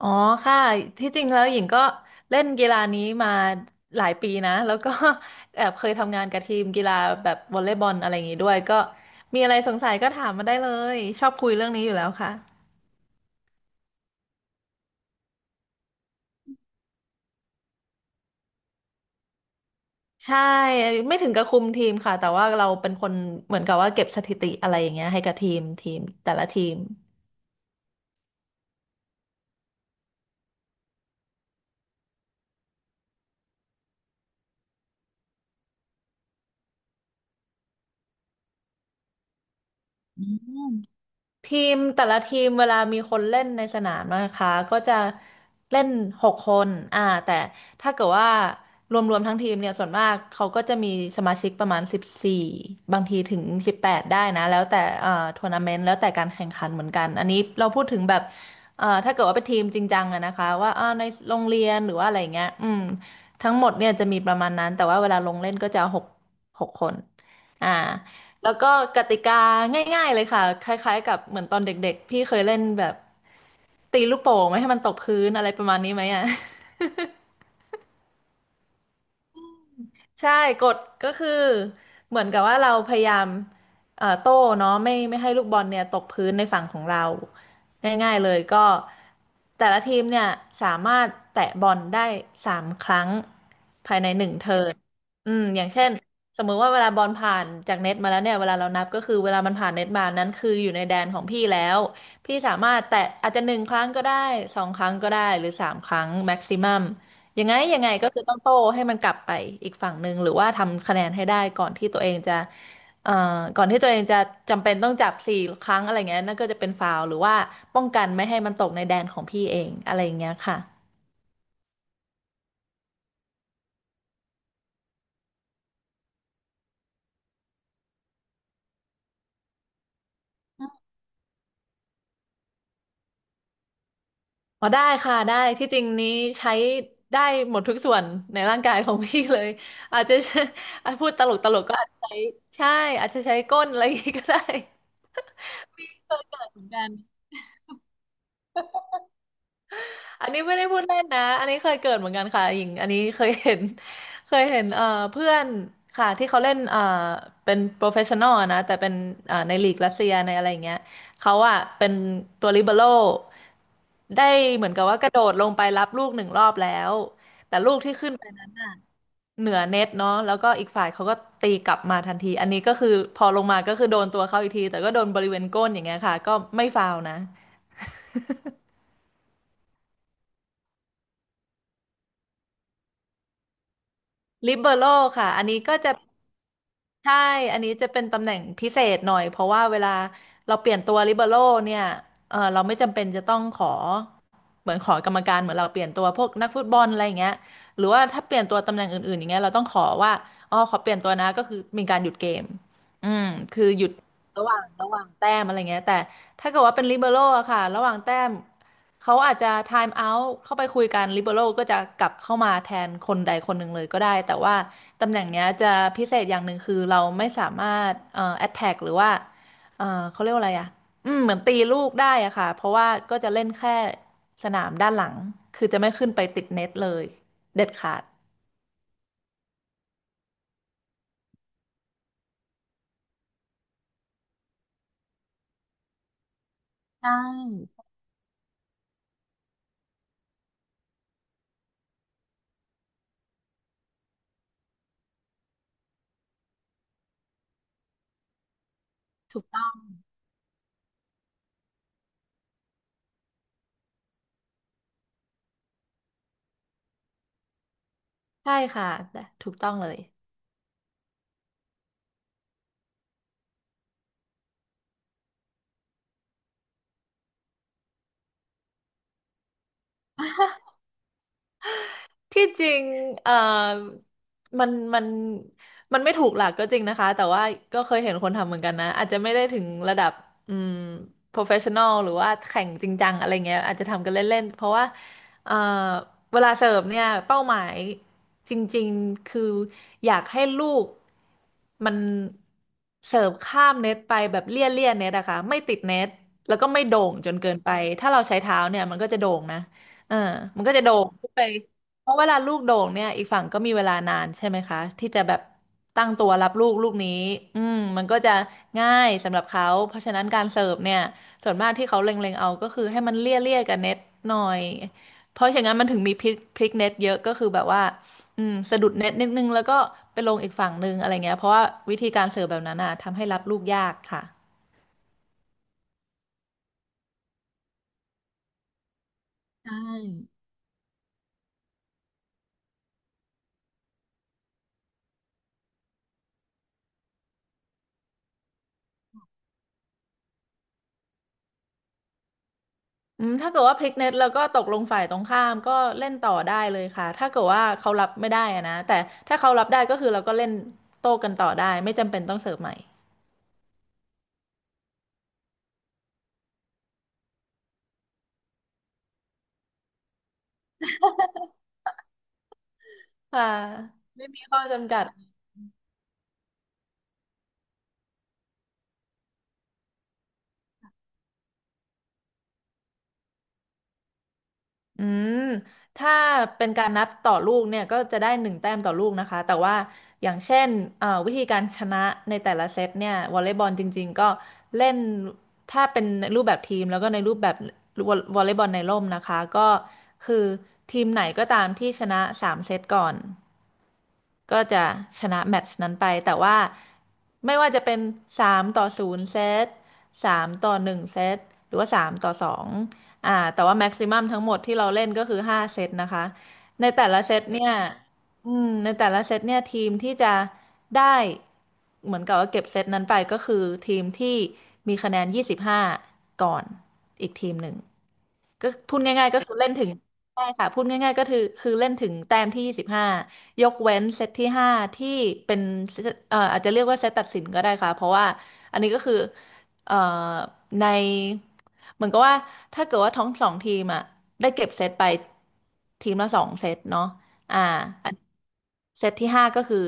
อ๋อค่ะที่จริงแล้วหญิงก็เล่นกีฬานี้มาหลายปีนะแล้วก็ แอบเคยทำงานกับทีมกีฬาแบบวอลเลย์บอลอะไรอย่างงี้ด้วยก็มีอะไรสงสัยก็ถามมาได้เลยชอบคุยเรื่องนี้อยู่แล้วค่ะใช่ไม่ถึงกับคุมทีมค่ะแต่ว่าเราเป็นคนเหมือนกับว่าเก็บสถิติอะไรอย่างเงี้ยให้กับทีมแต่ละทีม ทีมแต่ละทีมเวลามีคนเล่นในสนามนะคะก็จะเล่นหกคนอ่าแต่ถ้าเกิดว่ารวมๆทั้งทีมเนี่ยส่วนมากเขาก็จะมีสมาชิกประมาณ14บางทีถึง18ได้นะแล้วแต่ทัวร์นาเมนต์แล้วแต่การแข่งขันเหมือนกันอันนี้เราพูดถึงแบบถ้าเกิดว่าเป็นทีมจริงจังอะนะคะว่าอ่าในโรงเรียนหรือว่าอะไรเงี้ยอืมทั้งหมดเนี่ยจะมีประมาณนั้นแต่ว่าเวลาลงเล่นก็จะหกคนอ่า แล้วก็กติกาง่ายๆเลยค่ะคล้ายๆกับเหมือนตอนเด็กๆพี่เคยเล่นแบบตีลูกโป่งไม่ให้มันตกพื้นอะไรประมาณนี้ไหมอ่ะ ใช่กฎก็คือเหมือนกับว่าเราพยายามโต้เนาะไม่ให้ลูกบอลเนี่ยตกพื้นในฝั่งของเราง่ายๆเลยก็แต่ละทีมเนี่ยสามารถแตะบอลได้สามครั้งภายใน1 เทิร์นอืมอย่างเช่นสมมุติว่าเวลาบอลผ่านจากเน็ตมาแล้วเนี่ยเวลาเรานับก็คือเวลามันผ่านเน็ตมานั้นคืออยู่ในแดนของพี่แล้วพี่สามารถแตะอาจจะ1 ครั้งก็ได้2 ครั้งก็ได้หรือสามครั้งแม็กซิมัม ยังไงยังไงก็คือต้องโต้ให้มันกลับไปอีกฝั่งหนึ่งหรือว่าทำคะแนนให้ได้ก่อนที่ตัวเองจะเอ่อก่อนที่ตัวเองจะจำเป็นต้องจับ4 ครั้งอะไรเงี้ยนั่นก็จะเป็นฟาวล์หรือว่าป้องกันไม่ให้มันตกในแดนของพี่เองอะไรอย่างเงี้ยค่ะอ๋อได้ค่ะได้ที่จริงนี้ใช้ได้หมดทุกส่วนในร่างกายของพี่เลยอาจจะอาจ พูดตลกตลกก็อาจจะใช้ใช่อาจจะใช้ก้นอะไรอย่างงี้ก็ได้เหมือนกัน อันนี้ไม่ได้พูดเล่นนะอันนี้เคยเกิดเหมือนกันค่ะหญิงอันนี้เคยเห็น เคยเห็นเพื่อนค่ะที่เขาเล่นเป็นโปรเฟชชั่นอลนะแต่เป็นในลีกรัสเซียในอะไรอย่างเงี้ยเขาอะเป็นตัวลิเบโร่ได้เหมือนกับว่ากระโดดลงไปรับลูก1 รอบแล้วแต่ลูกที่ขึ้นไปเหนือเน็ตเนาะแล้วก็อีกฝ่ายเขาก็ตีกลับมาทันทีอันนี้ก็คือพอลงมาก็คือโดนตัวเขาอีกทีแต่ก็โดนบริเวณก้นอย่างเงี้ยค่ะก็ไม่ฟาวล์นะลิเบโร่ค่ะอันนี้ก็จะ ใช่ อันนี้จะเป็นตำแหน่งพิเศษหน่อยเพราะว่าเวลาเราเปลี่ยนตัวลิเบโร่เนี่ยเออเราไม่จำเป็นจะต้องขอเหมือนขอกรรมการเหมือนเราเปลี่ยนตัวพวกนักฟุตบอลอะไรอย่างเงี้ยหรือว่าถ้าเปลี่ยนตัวตำแหน่งอื่นๆอย่างเงี้ยเราต้องขอว่าอ๋อขอเปลี่ยนตัวนะก็คือมีการหยุดเกมอืมคือหยุดระหว่างแต้มอะไรเงี้ยแต่ถ้าเกิดว่าเป็นลิเบโร่อะค่ะระหว่างแต้มเขาอาจจะไทม์เอาท์เข้าไปคุยกันลิเบโร่ก็จะกลับเข้ามาแทนคนใดคนหนึ่งเลยก็ได้แต่ว่า ตำแหน่งเนี้ยจะพิเศษอย่างหนึ่งคือเราไม่สามารถแอ t แทกหรือว่าเอ่อเขาเรียกว่าอะไรอ่ะอืมเหมือนตีลูกได้อะค่ะเพราะว่าก็จะเล่นแค่สนามด้านหลังคือจะไม่ขึ้นไปติดเน็ตเลยเด็ดขาดใช่ถูกใช่ค่ะถูกต้องเลย ที่จริงเอ่อมันมันมันไม่ถูกหลักก็จริงนะคะ แต่ว่าก็เคยเห็นคนทำเหมือนกันนะ อาจจะไม่ได้ถึงระดับอืม professional หรือว่าแข่งจริงจังอะไรเงี้ยอาจจะทำกันเล่นๆ เพราะว่าเอ่อเวลาเสิร์ฟเนี่ย เป้าหมายจริงๆ คืออยากให้ลูกมันเสิร์ฟข้ามเน็ตไปแบบเลี่ยเลี่ยเน็ตอะค่ะไม่ติดเน็ต แล้วก็ไม่โด่งจนเกินไป ถ้าเราใช้เท้าเนี่ยมันก็จะโด่งนะเออมันก็จะโด่งขึ้นไป เพราะเวลาลูกโด่งเนี่ยอีกฝั่งก็มีเวลานานใช่ไหมคะที่จะแบบตั้งตัวรับลูกลูกนี้มันก็จะง่ายสำหรับเขาเพราะฉะนั้นการเสิร์ฟเนี่ยส่วนมากที่เขาเล็งๆเอาก็คือให้มันเลี่ยเลี่ยกับเน็ตหน่อยเพราะอย่างนั้นมันถึงมีพลิกพลิกเน็ตเยอะก็คือแบบว่าสะดุดเน็ตนิดนึงแล้วก็ไปลงอีกฝั่งนึงอะไรเงี้ยเพราะว่าวิธีการเสิร์ฟแบบนั้นอ่ะทำให้รับลูกยากค่ะ ถ้าเกิดว่าพลิกเน็ตแล้วก็ตกลงฝ่ายตรงข้ามก็เล่นต่อได้เลยค่ะถ้าเกิดว่าเขารับไม่ได้อะนะแต่ถ้าเขารับได้ก็คือเราก็เล่นโต้กันต่อได้ไม่จำเป็นต้องเสิร์ฟใหม่ค่ะไม่มีข้อจำกัด อืมถ้าเป็นการนับต่อลูกเนี่ยก็จะได้หนึ่งแต้มต่อลูกนะคะแต่ว่าอย่างเช่นวิธีการชนะในแต่ละเซตเนี่ยวอลเลย์บอลจริงๆก็เล่นถ้าเป็นรูปแบบทีมแล้วก็ในรูปแบบวอลเลย์บอลในร่มนะคะก็คือทีมไหนก็ตามที่ชนะสามเซตก่อน ก็จะชนะแมตช์นั้นไปแต่ว่าไม่ว่าจะเป็นสามต่อศูนย์เซตสามต่อหนึ่งเซตหรือว่าสามต่อสองอ่าแต่ว่าแม็กซิมัมทั้งหมดที่เราเล่นก็คือห้าเซตนะคะในแต่ละเซตเนี่ยในแต่ละเซตเนี่ยทีมที่จะได้เหมือนกับว่าเก็บเซตนั้นไปก็คือทีมที่มีคะแนนยี่สิบห้าก่อนอีกทีมหนึ่งก็พูดง่ายๆก็คือเล่นถึง ใช่ค่ะพูดง่ายๆก็คือเล่นถึงแต้มที่ยี่สิบห้ายกเว้นเซตที่ห้าที่เป็นเซตอาจจะเรียกว่าเซตตัดสินก็ได้ค่ะเพราะว่าอันนี้ก็คือเอ่อในเหมือนกับว่าถ้าเกิดว่าทั้งสองทีมอ่ะได้เก็บเซตไปทีมละสองเซตเนาะอ่าอันเซตที่ห้าก็คือ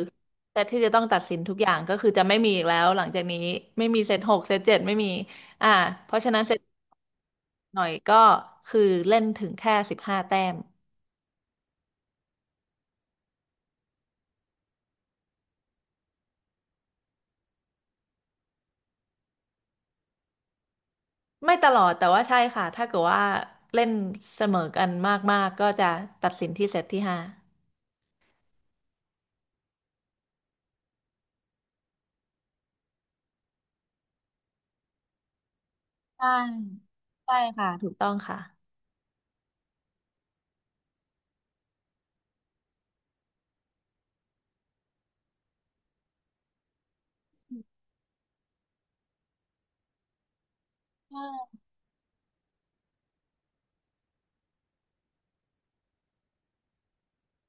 เซตที่จะต้องตัดสินทุกอย่างก็คือจะไม่มีอีกแล้วหลังจากนี้ไม่มีเซตหกเซตเจ็ดไม่มีอ่าเพราะฉะนั้นเซตหน่อยก็คือเล่นถึงแค่15 แต้ม ไม่ตลอดแต่ว่าใช่ค่ะถ้าเกิดว่าเล่นเสมอกันมากๆก็จะตัดสินที่เซตที่ห้าใช่ใช่ค่ะถูกต้องค่ะใช่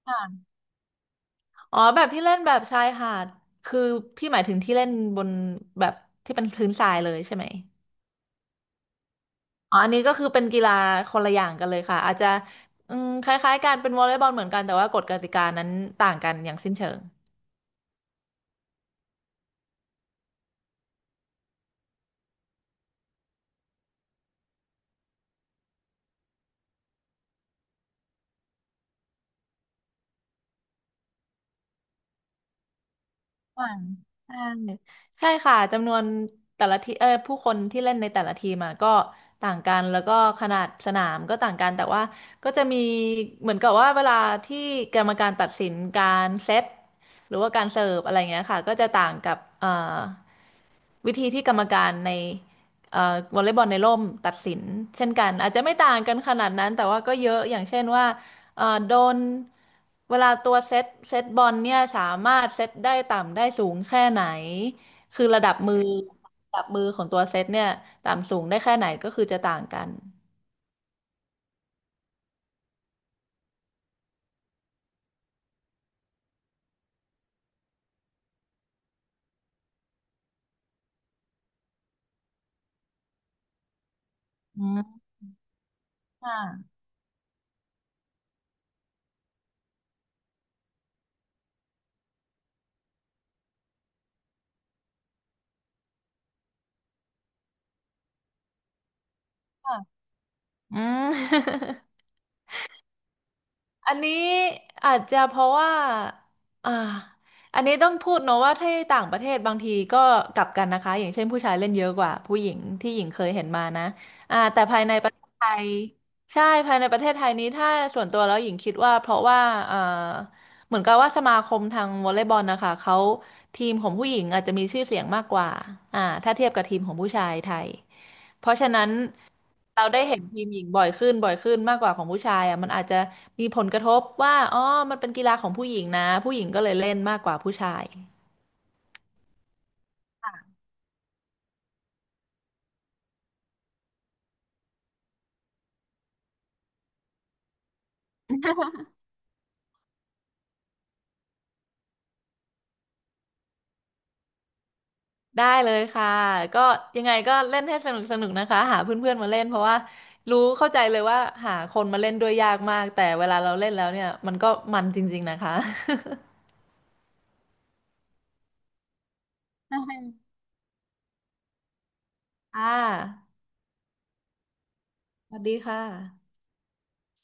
ค่ะอ๋อแบบที่เล่นแบบชายหาดคือพี่หมายถึงที่เล่นบนแบบที่เป็นพื้นทรายเลยใช่ไหมอ๋ออันนี้ก็คือเป็นกีฬาคนละอย่างกันเลยค่ะอาจจะคล้ายๆกันเป็นวอลเลย์บอลเหมือนกันแต่ว่ากฎกติกานั้นต่างกันอย่างสิ้นเชิง อ่าใช่ใช่ค่ะจำนวนแต่ละทีเออผู้คนที่เล่นในแต่ละทีมอะก็ต่างกันแล้วก็ขนาดสนามก็ต่างกันแต่ว่าก็จะมีเหมือนกับว่าเวลาที่กรรมการตัดสินการเซตหรือว่าการเสิร์ฟอะไรเงี้ยค่ะก็จะต่างกับวิธีที่กรรมการในวอลเลย์บอลในร่มตัดสินเช่นกัน อาจจะไม่ต่างกันขนาดนั้น แต่ว่าก็เยอะอย่างเช่นว่า โดนเวลาตัวเซตบอลเนี่ยสามารถเซตได้ต่ำได้สูงแค่ไหนคือระดับมือของตัวเซตเนี่ยต่ำสูงได้แค่ไหนก็คือจะต่างกันอืมค่ะค่ะอืม อันนี้อาจจะเพราะว่าอ่าอันนี้ต้องพูดเนอะว่าที่ต่างประเทศบางทีก็กลับกันนะคะอย่างเช่นผู้ชายเล่นเยอะกว่าผู้หญิงที่หญิงเคยเห็นมานะอ่าแต่ภายในประเทศไทยใช่ภายในประเทศไทยนี้ถ้าส่วนตัวแล้วหญิงคิดว่าเพราะว่าเอ่อเหมือนกับว่าสมาคมทางวอลเลย์บอลนะคะเขาทีมของผู้หญิงอาจจะมีชื่อเสียงมากกว่าอ่าถ้าเทียบกับทีมของผู้ชายไทย เพราะฉะนั้นเราได้เห็นทีมหญิงบ่อยขึ้นบ่อยขึ้นมากกว่าของผู้ชายอ่ะมันอาจจะมีผลกระทบว่าอ๋อมันเป็นกีฬาของผู้หญิงนะผู้หญิงก็เลยเล่นมากกว่าผู้ชายได้เลยค่ะก็ยังไงก็เล่นให้สนุกสนุกนะคะหาเพื่อนๆมาเล่นเพราะว่ารู้เข้าใจเลยว่าหาคนมาเล่นด้วยยากมากแต่เวลาเราเล่นแล้วเนี่ยมันก็มันจริงๆนะคะ ใช่ค่ะสวัสดีค่ะ